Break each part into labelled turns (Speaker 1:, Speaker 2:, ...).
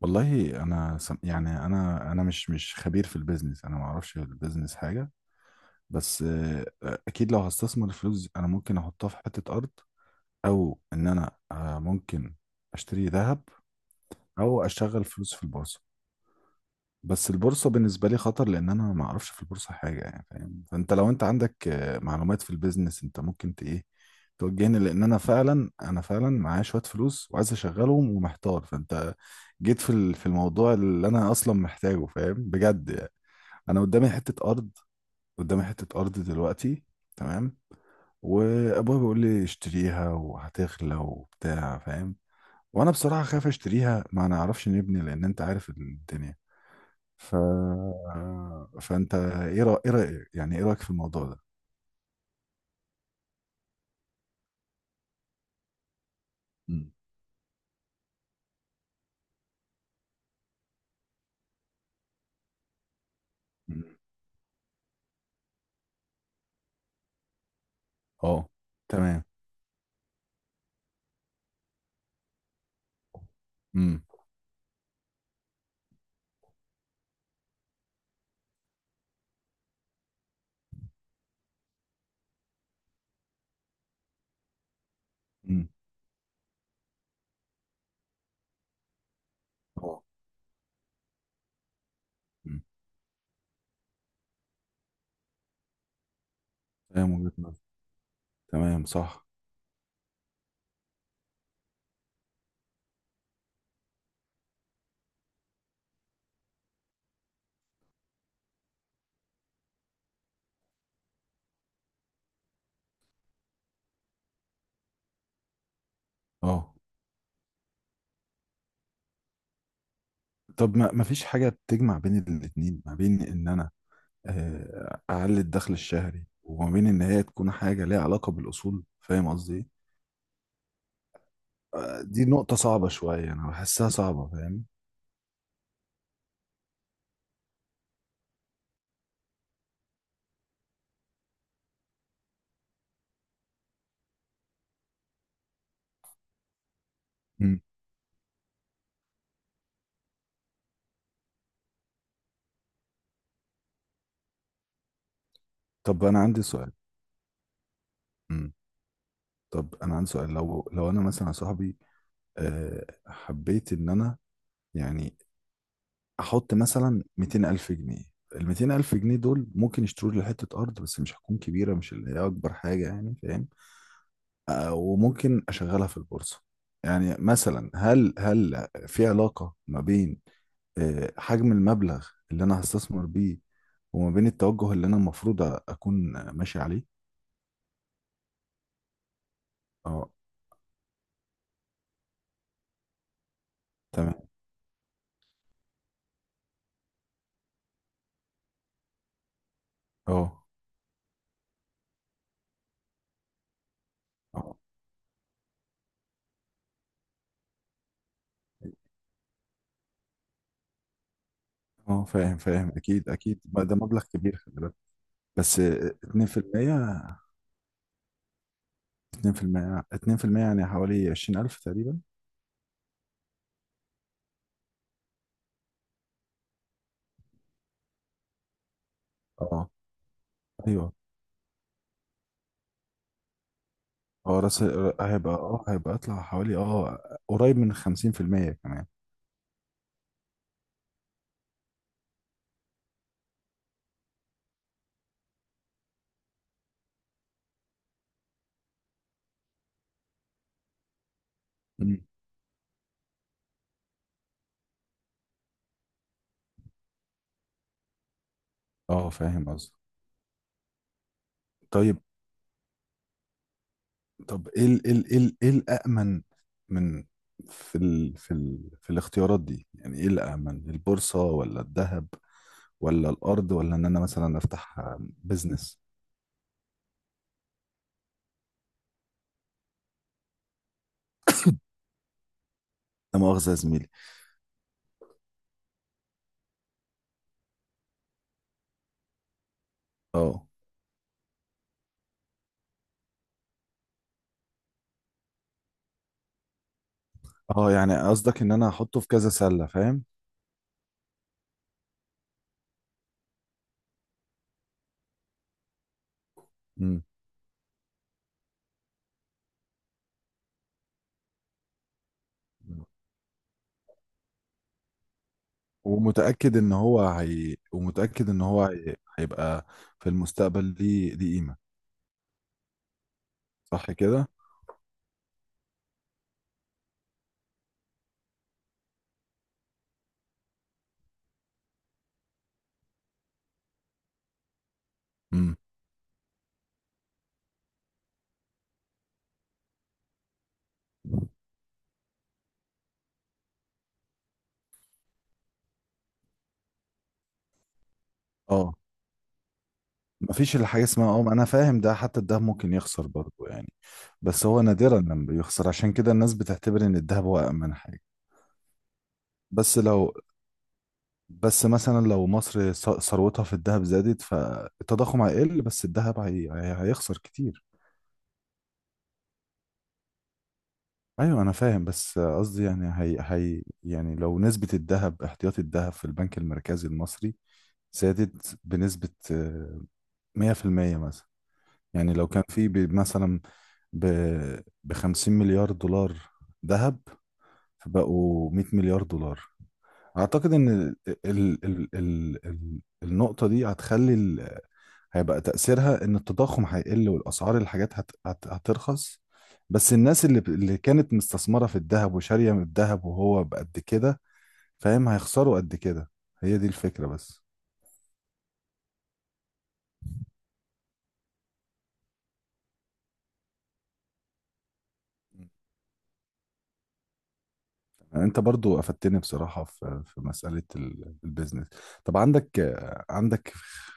Speaker 1: والله انا يعني انا مش خبير في البيزنس. انا ما اعرفش في البيزنس حاجه. بس اكيد لو هستثمر الفلوس، انا ممكن احطها في حته ارض، او ان انا ممكن اشتري ذهب، او اشغل فلوس في البورصه. بس البورصة بالنسبة لي خطر، لأن أنا ما أعرفش في البورصة حاجة، يعني فاهم؟ فأنت لو أنت عندك معلومات في البيزنس، أنت ممكن ت إيه توجهني، لأن أنا فعلا معايا شوية فلوس وعايز أشغلهم ومحتار. فأنت جيت في الموضوع اللي أنا أصلا محتاجه، فاهم بجد يعني. أنا قدامي حتة أرض، قدامي حتة أرض دلوقتي. تمام. وأبويا بيقول لي اشتريها وهتغلى وبتاع، فاهم؟ وأنا بصراحة خايف أشتريها، ما نعرفش نبني، لأن أنت عارف الدنيا. ف... فانت ايه رأيك، يعني ايه رأيك في الموضوع ده؟ مم. مم. اه. تمام. امم. امم. اه. مم. تمام، وجهة نظر. تمام، صح. اه. طب ما فيش حاجة تجمع بين الاتنين، ما بين ان انا اعلي الدخل الشهري، وما بين ان هي تكون حاجة ليها علاقة بالاصول، فاهم قصدي ايه؟ دي نقطة صعبة شوية، انا بحسها صعبة، فاهم؟ مم. طب انا عندي سؤال. مم. طب انا عندي سؤال. لو انا مثلا يا صاحبي حبيت ان انا، يعني، احط مثلا 200 الف جنيه. ال 200 الف جنيه دول ممكن يشتروا لي حته ارض، بس مش هتكون كبيره، مش اللي هي اكبر حاجه، يعني فاهم؟ وممكن اشغلها في البورصه. يعني مثلا، هل في علاقه ما بين حجم المبلغ اللي انا هستثمر بيه، وما بين التوجه اللي انا المفروض اكون ماشي عليه؟ اه. تمام. اه. اه. اه، فاهم فاهم، اكيد اكيد، ما ده مبلغ كبير، خلي بالك. بس. 2%. 2% 2% يعني حوالي 20000 تقريبا. اه. ايوه. اه. هيبقى، اه، هيبقى اطلع حوالي، اه، قريب من 50% كمان. مم. اه، فاهم قصدك. طيب. طب ايه ال ايه ال ايه ال ايه الامن من في الاختيارات دي، يعني ايه الامن؟ البورصة ولا الذهب ولا الارض، ولا ان انا مثلا افتح بزنس؟ لا مؤاخذة يا زميلي. اه. اه، يعني قصدك ان انا احطه في كذا سلة، فاهم؟ امم. ومتأكد ان هو هي... هيبقى في المستقبل ليه قيمة، صح كده؟ امم. اه، مفيش الحاجة اسمها، اه، ما انا فاهم، ده حتى الدهب ممكن يخسر برضه يعني. بس هو نادرا لما بيخسر، عشان كده الناس بتعتبر ان الدهب هو أأمن حاجة. بس لو بس مثلا لو مصر ثروتها في الدهب زادت، فالتضخم هيقل، بس الدهب هيخسر كتير. ايوه، انا فاهم، بس قصدي يعني هي، يعني لو نسبة الذهب، احتياطي الذهب في البنك المركزي المصري زادت بنسبة 100% مثلا. يعني لو كان في مثلا بـ50 مليار دولار ذهب، فبقوا 100 مليار دولار، أعتقد إن ال ال ال ال ال النقطة دي هتخلي، هيبقى تأثيرها إن التضخم هيقل والأسعار الحاجات هترخص. بس الناس اللي اللي كانت مستثمرة في الذهب، وشارية من الذهب وهو بقد كده، فاهم، هيخسروا قد كده. هي دي الفكرة بس. أنت برضو أفدتني بصراحة في مسألة البيزنس. طب عندك، عندك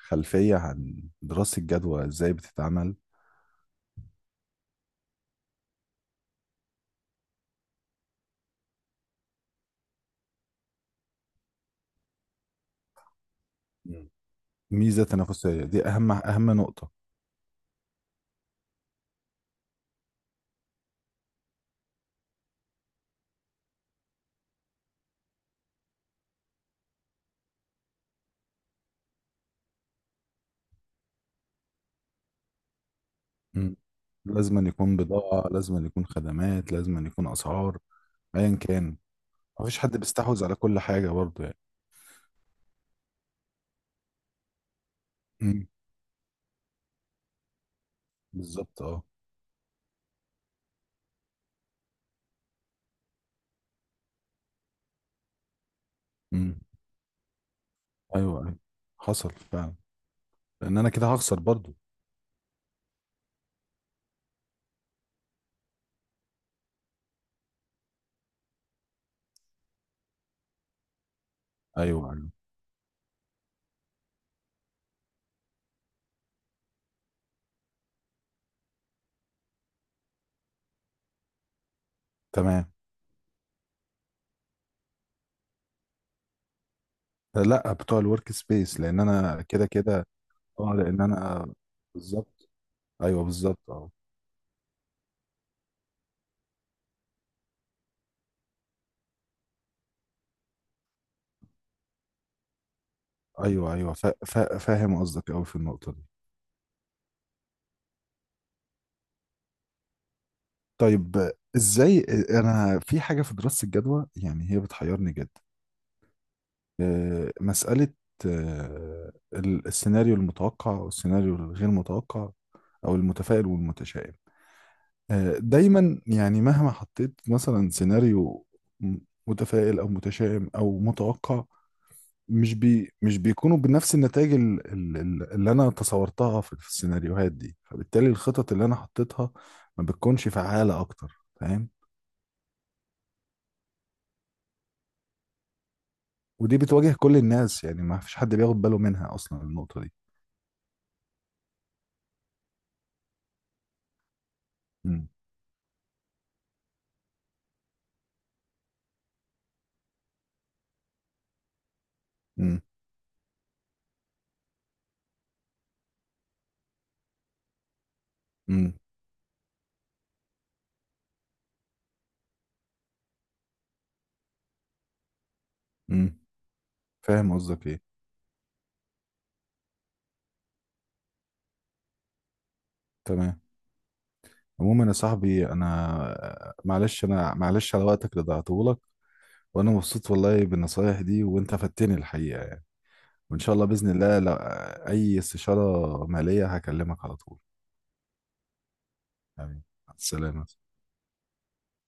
Speaker 1: خلفية عن دراسة جدوى إزاي بتتعمل؟ مم. ميزة تنافسية دي أهم أهم نقطة. مم. لازم أن يكون بضاعة، لازم أن يكون خدمات، لازم أن يكون أسعار. أيا كان، مفيش حد بيستحوذ على كل حاجة برضه يعني. امم. بالظبط. اه. امم. ايوه ايوه، حصل فعلا. لان انا كده هخسر برضه. ايوه ايوه، تمام. لا، بتوع الورك سبيس، لان انا كده كده. اه، لان انا. بالظبط. ايوه، بالظبط. اه. ايوه ايوه، فاهم قصدك قوي في النقطة دي. طيب، ازاي. انا في حاجة في دراسة الجدوى يعني هي بتحيرني جدا. مسألة السيناريو المتوقع والسيناريو الغير متوقع، أو المتفائل والمتشائم. دايما يعني مهما حطيت مثلا سيناريو م- متفائل أو متشائم أو متوقع، مش بيكونوا بنفس النتائج اللي أنا تصورتها في السيناريوهات دي، فبالتالي الخطط اللي أنا حطيتها ما بتكونش فعالة أكتر، فاهم؟ ودي بتواجه كل الناس، يعني ما فيش حد بياخد باله منها أصلا، النقطة دي. مم. مم. مم. مم. فاهم قصدك ايه. تمام. عموما يا صاحبي، انا معلش على وقتك اللي ضيعته لك، وانا مبسوط والله بالنصايح دي، وانت فدتني الحقيقه يعني. وان شاء الله، باذن الله، لو اي استشاره ماليه هكلمك على طول. حبيبي. مع السلامه.